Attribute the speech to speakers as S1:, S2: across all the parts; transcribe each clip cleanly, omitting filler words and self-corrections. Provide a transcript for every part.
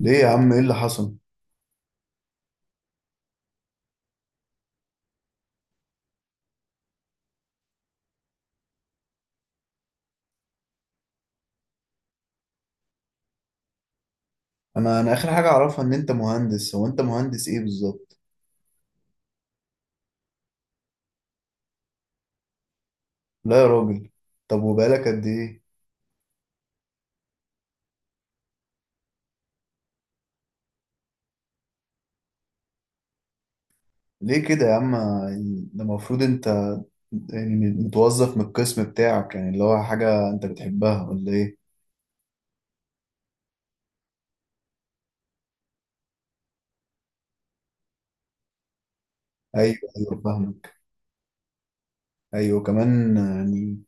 S1: ليه يا عم، ايه اللي حصل؟ انا اخر حاجه اعرفها ان انت مهندس. هو انت مهندس ايه بالظبط؟ لا يا راجل. طب وبقالك قد ايه؟ ليه كده يا عم؟ يعني ده المفروض انت يعني متوظف من القسم بتاعك، يعني اللي هو حاجه انت بتحبها ولا ايه؟ ايوه ايوه فاهمك. ايوه كمان يعني.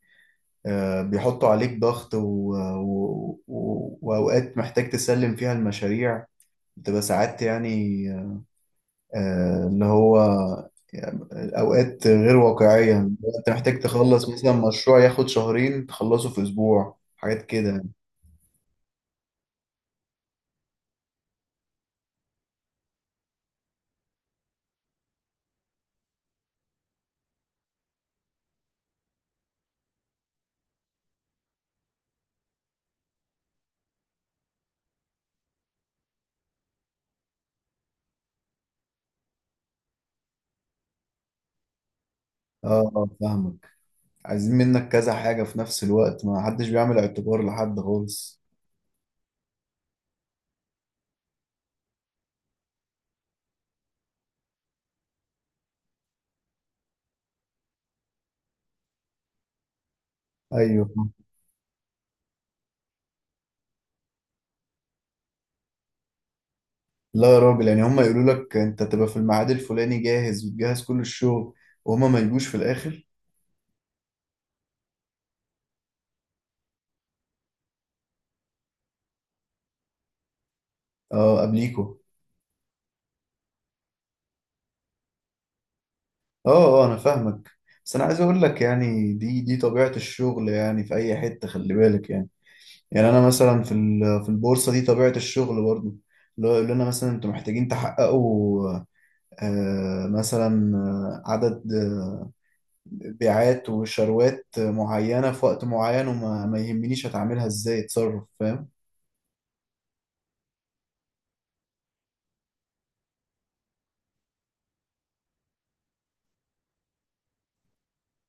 S1: بيحطوا عليك ضغط و واوقات محتاج تسلم فيها المشاريع بتبقى ساعات يعني. اللي هو يعني أوقات غير واقعية. أنت محتاج تخلص مثلا مشروع ياخد شهرين تخلصه في أسبوع، حاجات كده يعني. اه فاهمك. عايزين منك كذا حاجة في نفس الوقت، ما حدش بيعمل اعتبار لحد خالص. أيوه. لا يا راجل، يعني هما يقولوا لك أنت تبقى في الميعاد الفلاني جاهز وتجهز كل الشغل، وهما ما يجوش في الآخر. اه قبليكوا. اه اه أنا فاهمك. بس أنا عايز أقول لك يعني دي طبيعة الشغل يعني في أي حتة، خلي بالك يعني. يعني انا مثلا في في البورصه دي طبيعه الشغل برضو، اللي هو يقول لنا مثلا انتوا محتاجين تحققوا مثلا عدد بيعات وشروات معينه في وقت معين، وما ما يهمنيش هتعملها ازاي، اتصرف فاهم.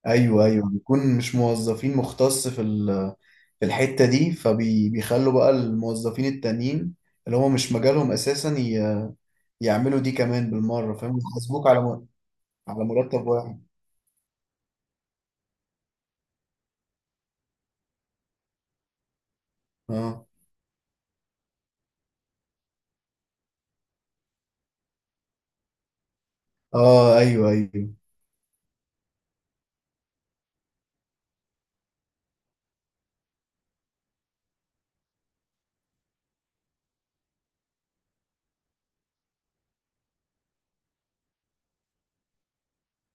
S1: ايوه ايوه بيكون مش موظفين مختص في في الحته دي، فبيخلوا بقى الموظفين التانيين اللي هو مش مجالهم اساسا يعملوا دي كمان بالمره، فاهم؟ يحاسبوك على على مرتب واحد. اه. اه. ايوه ايوه.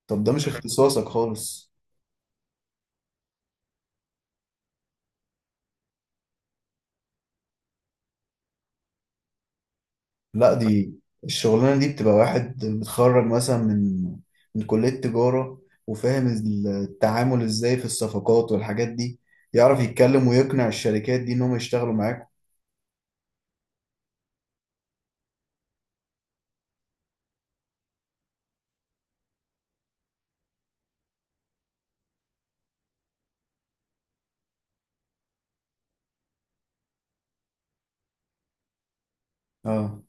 S1: طب ده مش اختصاصك خالص. لا، دي الشغلانة دي بتبقى واحد متخرج مثلا من من كلية تجارة وفاهم التعامل ازاي في الصفقات والحاجات دي، يعرف يتكلم ويقنع الشركات دي انهم يشتغلوا معاك. اه.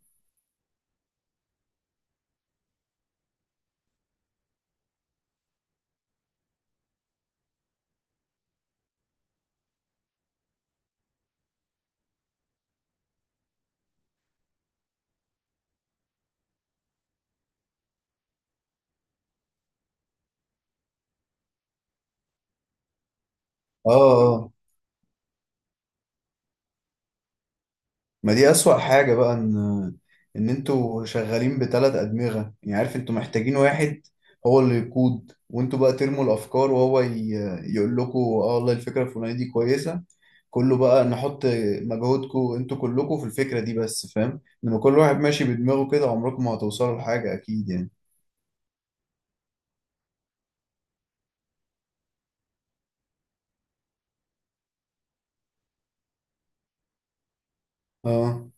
S1: اه. اه. ما دي اسوأ حاجة بقى، ان ان انتوا شغالين بثلاث ادمغة. يعني عارف انتوا محتاجين واحد هو اللي يقود وانتوا بقى ترموا الافكار وهو يقول لكم اه والله الفكرة الفلانية دي كويسة، كله بقى نحط مجهودكم انتوا كلكم في الفكرة دي بس، فاهم؟ انما كل واحد ماشي بدماغه كده عمركم ما هتوصلوا لحاجة اكيد يعني. اه.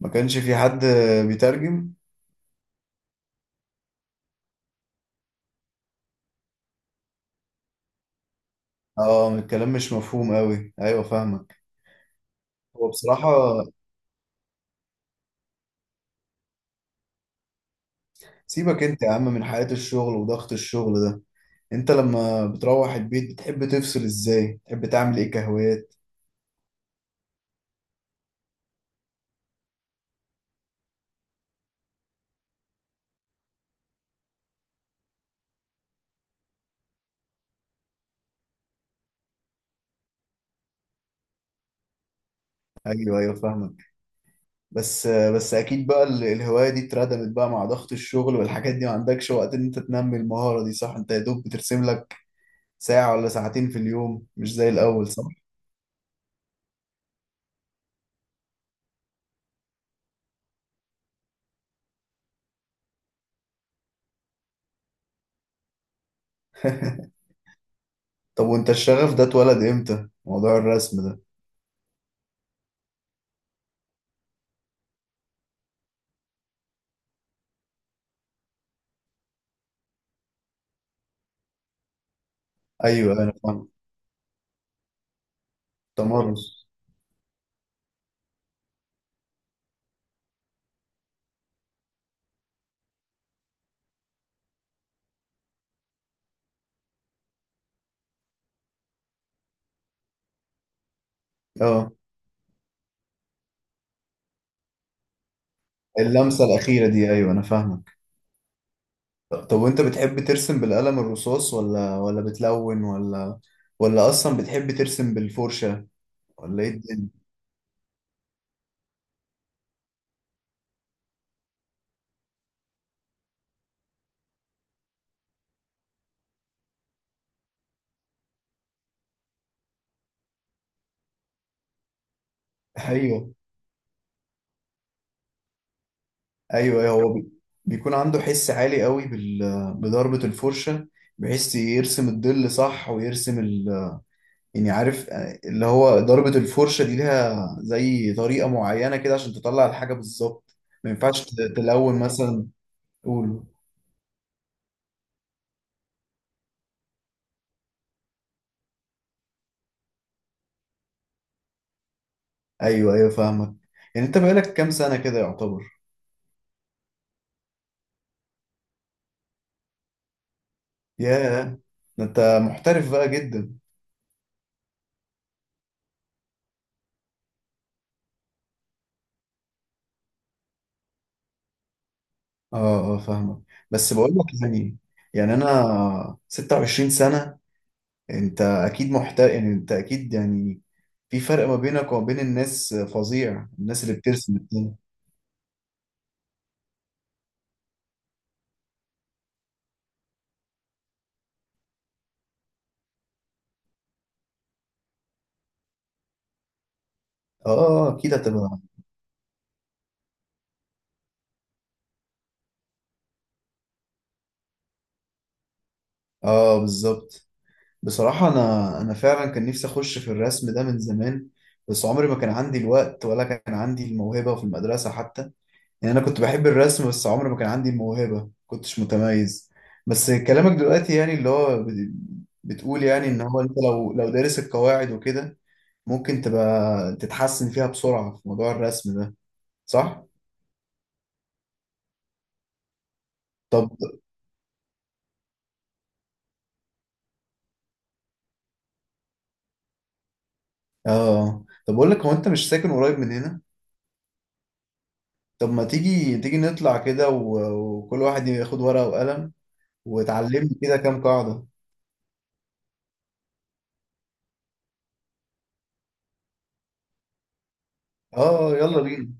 S1: ما كانش في حد بيترجم؟ اه الكلام مش مفهوم قوي، ايوه فاهمك. هو بصراحة سيبك انت يا عم من حياة الشغل وضغط الشغل ده، انت لما بتروح البيت بتحب تفصل ازاي؟ بتحب تعمل ايه كهوايات؟ ايوه ايوه فاهمك. بس بس اكيد بقى الهوايه دي اتردمت بقى مع ضغط الشغل والحاجات دي، ما عندكش وقت ان انت تنمي المهاره دي صح؟ انت يا دوب بترسم لك ساعه ولا ساعتين في اليوم، مش زي الاول صح؟ طب وانت الشغف ده اتولد امتى، موضوع الرسم ده؟ ايوه انا فاهم. تمرس اه. اللمسه الاخيره دي، ايوه انا فاهمك. طب وانت بتحب ترسم بالقلم الرصاص ولا ولا بتلون، ولا ولا اصلا بتحب ترسم بالفرشه، ولا ايه الدنيا؟ ايوه ايوه ايوه. هو بيكون عنده حس عالي قوي بضربة الفرشة، بحيث يرسم الظل صح ويرسم ال... يعني عارف اللي هو ضربة الفرشة دي ليها زي طريقة معينة كده عشان تطلع الحاجة بالظبط. ما ينفعش تلون مثلا؟ قول. ايوه ايوه فاهمك. يعني انت بقالك كام سنة كده يعتبر؟ ياه، ده انت محترف بقى جدا. اه اه فاهمك. بس بقول لك يعني، يعني انا 26 سنة، انت اكيد محترف. يعني انت اكيد يعني في فرق ما بينك وما بين الناس فظيع، الناس اللي بترسم التاني. اه اكيد هتبقى. اه بالظبط. بصراحة انا فعلا كان نفسي اخش في الرسم ده من زمان، بس عمري ما كان عندي الوقت ولا كان عندي الموهبة في المدرسة حتى. يعني انا كنت بحب الرسم بس عمري ما كان عندي الموهبة، كنتش متميز. بس كلامك دلوقتي يعني اللي هو بتقول يعني ان هو انت لو دارس القواعد وكده ممكن تبقى تتحسن فيها بسرعة في موضوع الرسم ده، صح؟ طب اه، طب أقول لك، هو أنت مش ساكن قريب من هنا؟ طب ما تيجي نطلع كده و وكل واحد ياخد ورقة وقلم وتعلمني كده كام قاعدة. اه يلا بينا.